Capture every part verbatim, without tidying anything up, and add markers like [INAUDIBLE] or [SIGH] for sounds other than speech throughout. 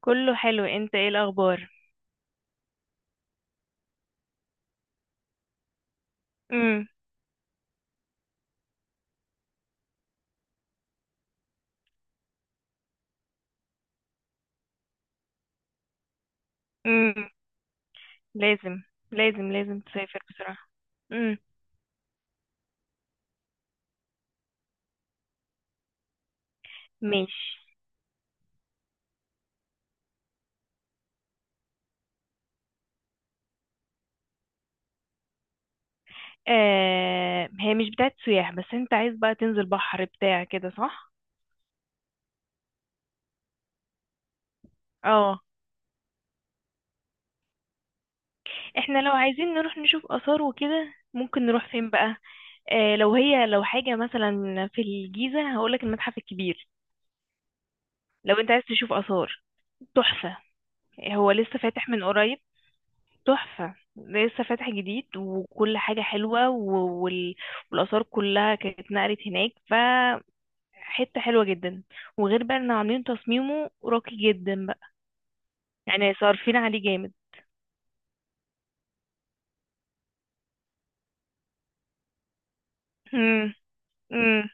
كله حلو، انت ايه الاخبار؟ امم امم لازم، لازم لازم تسافر بصراحة. امم ماشي. آه، هي مش بتاعت سياح، بس انت عايز بقى تنزل بحر بتاع كده، صح؟ اه. احنا لو عايزين نروح نشوف آثار وكده، ممكن نروح فين بقى؟ آه، لو هي لو حاجة مثلا في الجيزة، هقولك المتحف الكبير. لو انت عايز تشوف آثار، تحفة. هو لسه فاتح من قريب. تحفة، لسه فاتح جديد وكل حاجة حلوة و- وال... والآثار كلها كانت اتنقلت هناك. ف حتة حلوة جدا. وغير بقى ان عاملين تصميمه راقي جدا بقى، يعني صارفين عليه جامد. امم امم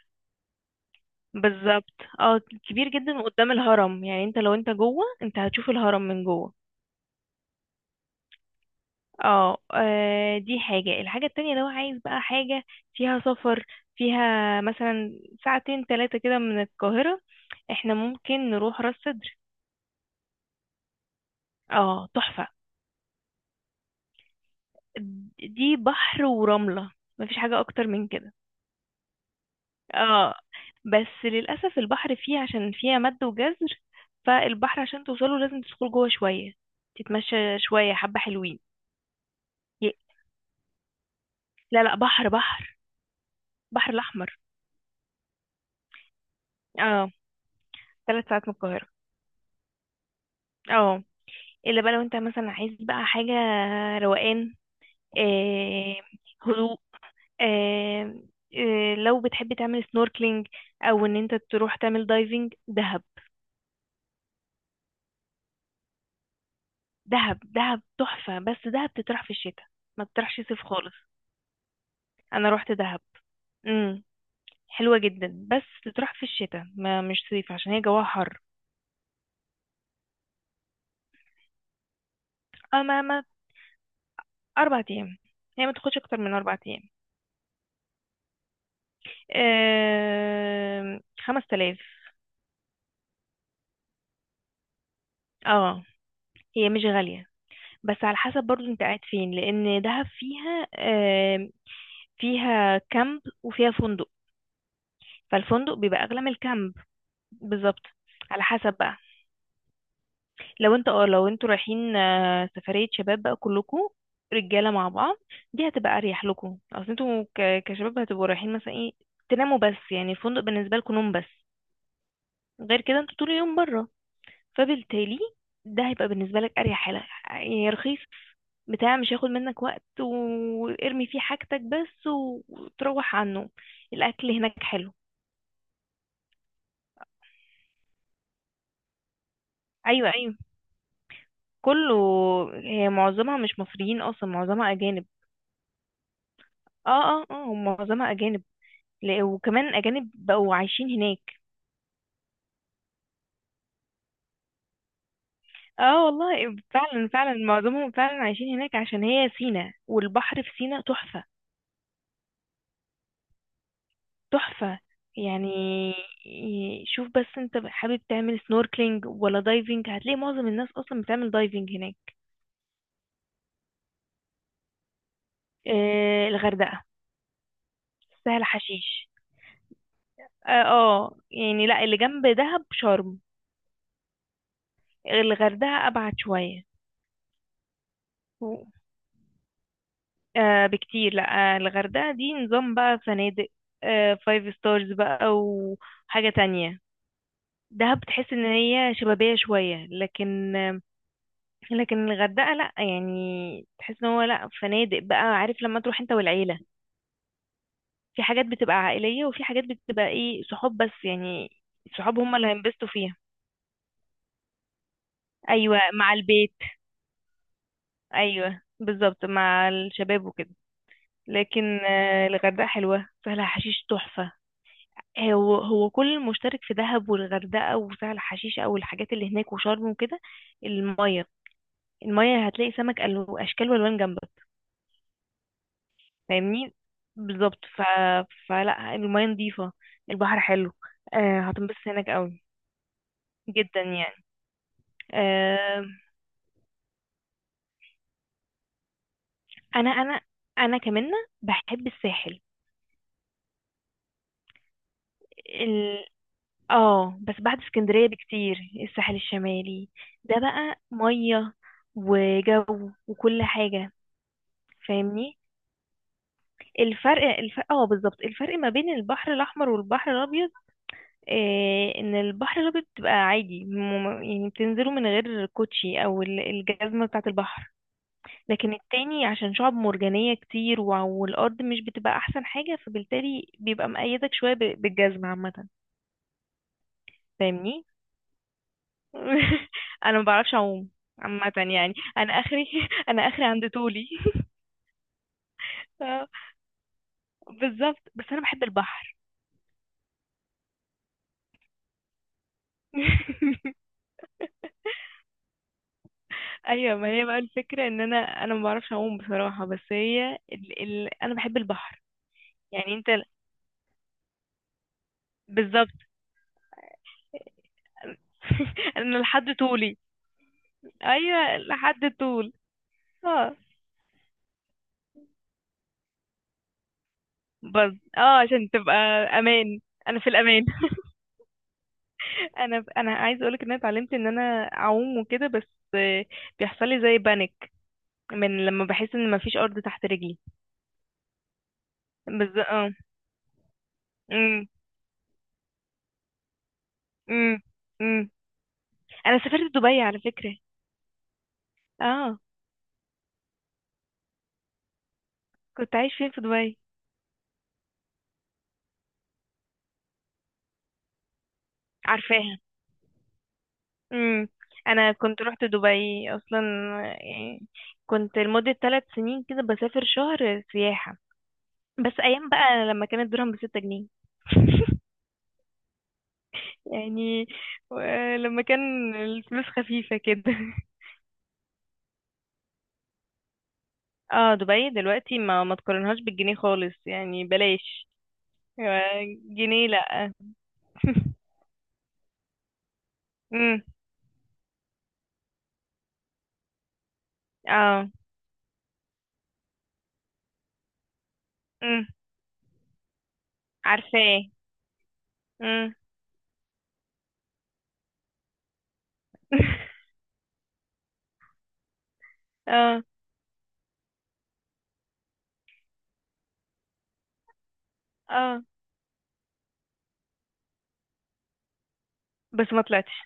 بالظبط. اه. كبير جدا قدام الهرم، يعني انت لو انت جوه، انت هتشوف الهرم من جوه. اه، آه، دي حاجة. الحاجة التانية لو عايز بقى حاجة فيها سفر، فيها مثلا ساعتين تلاتة كده من القاهرة، احنا ممكن نروح راس سدر. اه، تحفة. دي بحر ورملة، مفيش حاجة اكتر من كده. اه، بس للأسف البحر فيه عشان فيها مد وجزر، فالبحر عشان توصله لازم تدخل جوه شوية، تتمشى شوية حبة حلوين. ي- لا، لا، بحر بحر. بحر الأحمر. اه، ثلاث ساعات من القاهرة. اه، إلا بقى لو انت مثلا عايز بقى حاجة روقان، آه هدوء. آه آه، لو بتحب تعمل سنوركلينج أو إن انت تروح تعمل دايفنج، دهب. دهب، دهب تحفة، بس دهب تطرح في الشتاء، ما تطرحش صيف خالص. انا روحت دهب. امم حلوة جدا بس تطرح في الشتاء، ما مش صيف عشان هي جواها حر. اما ما اربع ايام. هي ما تاخدش اكتر من اربع ايام. أه... خمس تلاف. اه، هي مش غالية، بس على حسب برضو انت قاعد فين لان دهب فيها أه... فيها كامب وفيها فندق، فالفندق بيبقى اغلى من الكامب. بالظبط، على حسب بقى. لو انت اه لو انتوا رايحين، آه، سفرية شباب بقى كلكم، رجالة مع بعض. دي هتبقى اريح لكم، اصل انتوا ك- كشباب هتبقوا رايحين مثلا ايه تناموا، بس يعني الفندق بالنسبة لكم نوم بس. غير كده انتوا طول اليوم بره، فبالتالي ده هيبقى بالنسبة لك اريح حاجة، يعني رخيص بتاع، مش هياخد منك وقت وارمي فيه حاجتك بس و- وتروح عنه. الاكل هناك حلو. ايوه، ايوه، كله. هي معظمها مش مصريين، اصلا معظمها اجانب. اه، اه، اه، هم معظمها اجانب. ل- وكمان أجانب بقوا عايشين هناك. اه والله، فعلا فعلا معظمهم فعلا عايشين هناك عشان هي سينا، والبحر في سينا تحفة، تحفة يعني. ي- شوف بس، انت حابب تعمل سنوركلينج ولا دايفنج؟ هتلاقي معظم الناس اصلا بتعمل دايفنج هناك. آه، الغردقة، سهل حشيش. اه آه، يعني لا، اللي جنب دهب شرم. الغردقة ابعد شوية. آه بكتير. لا، آه الغردقة دي نظام بقى فنادق، آه فايف ستارز بقى وحاجة تانية. دهب بتحس ان هي شبابية شوية، لكن آه لكن الغردقة لا يعني، تحس ان هو لا فنادق بقى، عارف لما تروح انت والعيلة، في حاجات بتبقى عائلية، وفي حاجات بتبقى ايه صحاب بس يعني. صحاب هم اللي هينبسطوا فيها. ايوه، مع البيت. ايوه بالظبط، مع الشباب وكده. لكن آه الغردقة حلوة، سهلها حشيش تحفة. هو هو كل المشترك في دهب والغردقة وسهل حشيش أو الحاجات اللي هناك وشرم وكده، المية. المية هتلاقي سمك ألو- أشكال وألوان جنبك. فاهمني، بالظبط. ف... فلا المية نظيفة، البحر حلو. آه، هتنبسط هناك قوي، جدا يعني. آه، أنا أنا أنا كمان بحب الساحل. ال... اه بس بعد اسكندرية بكتير. الساحل الشمالي، ده بقى مية وجو وكل حاجة. فاهمني. الفرق الفرق اه بالظبط، الفرق ما بين البحر الاحمر والبحر الابيض. آه، ان البحر الابيض بتبقى عادي، مم- يعني بتنزلوا من غير كوتشي او ال- الجزمه بتاعه البحر. لكن التاني عشان شعب مرجانيه كتير، وع- والارض مش بتبقى احسن حاجه، فبالتالي بيبقى مقيدك شويه ب- بالجزمه عامه. فاهمني. [LAUGHS] انا ما بعرفش اعوم. عامه يعني انا اخري. [LAUGHS] انا اخري عند طولي. [LAUGHS] آه، بالظبط، بس انا بحب البحر. [LAUGHS] ايوه، ما هي بقى الفكره ان انا انا ما بعرفش اعوم بصراحه، بس هي ال... ال... انا بحب البحر. يعني انت، بالظبط. [LAUGHS] انا لحد طولي، ايوه لحد طول. اه بس، اه عشان تبقى امان، انا في الامان. [LAUGHS] انا انا عايزه اقولك ان انا اتعلمت ان انا اعوم وكده بس. آه، بيحصل لي زي بانيك من لما بحس ان مفيش ارض تحت رجلي. بس، اه امم. امم، امم. انا سافرت دبي على فكره. اه، كنت عايش فين في دبي؟ عارفاها. امم انا كنت رحت دبي اصلا يعني، كنت لمدة ثلاث سنين كده بسافر شهر سياحة، بس ايام بقى لما كان الدرهم بستة جنيه. [LAUGHS] يعني، و- لما كان الفلوس خفيفة كده. اه، دبي دلوقتي ما ما تقارنهاش بالجنيه خالص، يعني بلاش. آه، جنيه لا. [LAUGHS] امم اه امم عارفاه. امم [LAUGHS] اه، اه، بس ما طلعتش.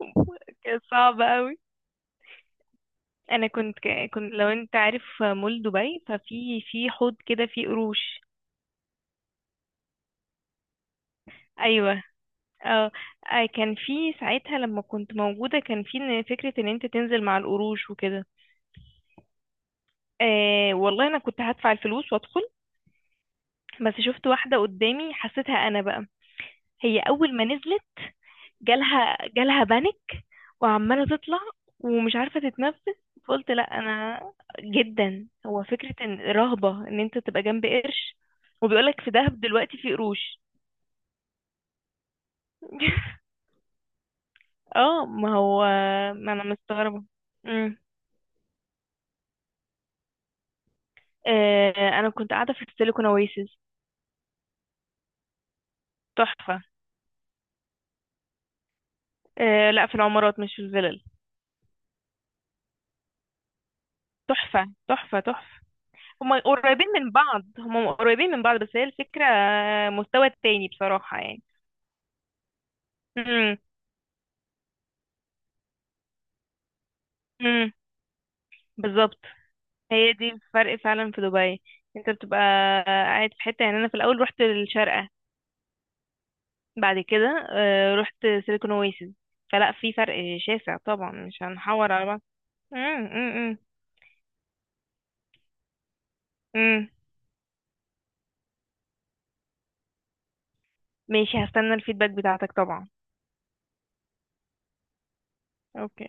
[LAUGHS] كانت صعبة. انا كنت ك- كنت، لو انت عارف مول دبي، ففي في حوض كده فيه قروش. ايوه. اه. آه، كان في ساعتها لما كنت موجوده، كان في إن فكره ان انت تنزل مع القروش وكده. آه والله، انا كنت هدفع الفلوس وادخل، بس شفت واحده قدامي حسيتها انا بقى. هي اول ما نزلت جالها جالها بانيك، وعماله تطلع ومش عارفه تتنفس. فقلت لا انا، جدا هو فكره ان رهبه ان انت تبقى جنب قرش. وبيقولك في دهب دلوقتي في قروش. [LAUGHS] اه ما هو، ما انا مستغربة. امم آه، انا كنت قاعدة في السيليكون اويسيس. تحفة. آه لا، في العمارات مش في الفلل. تحفة، تحفة، تحفة. هما قريبين من بعض، هما قريبين من بعض، بس هي الفكرة مستوى تاني بصراحة يعني. امم امم بالظبط. هي دي الفرق فعلا في دبي. انت بتبقى قاعد في حتة يعني، انا في الاول رحت الشارقة، بعد كده آه رحت سيليكون اويسيس، فلا في فرق شاسع طبعا، مش هنحور على بعض. امم، امم، امم. ماشي، هستنى الفيدباك بتاعتك طبعا. اوكي.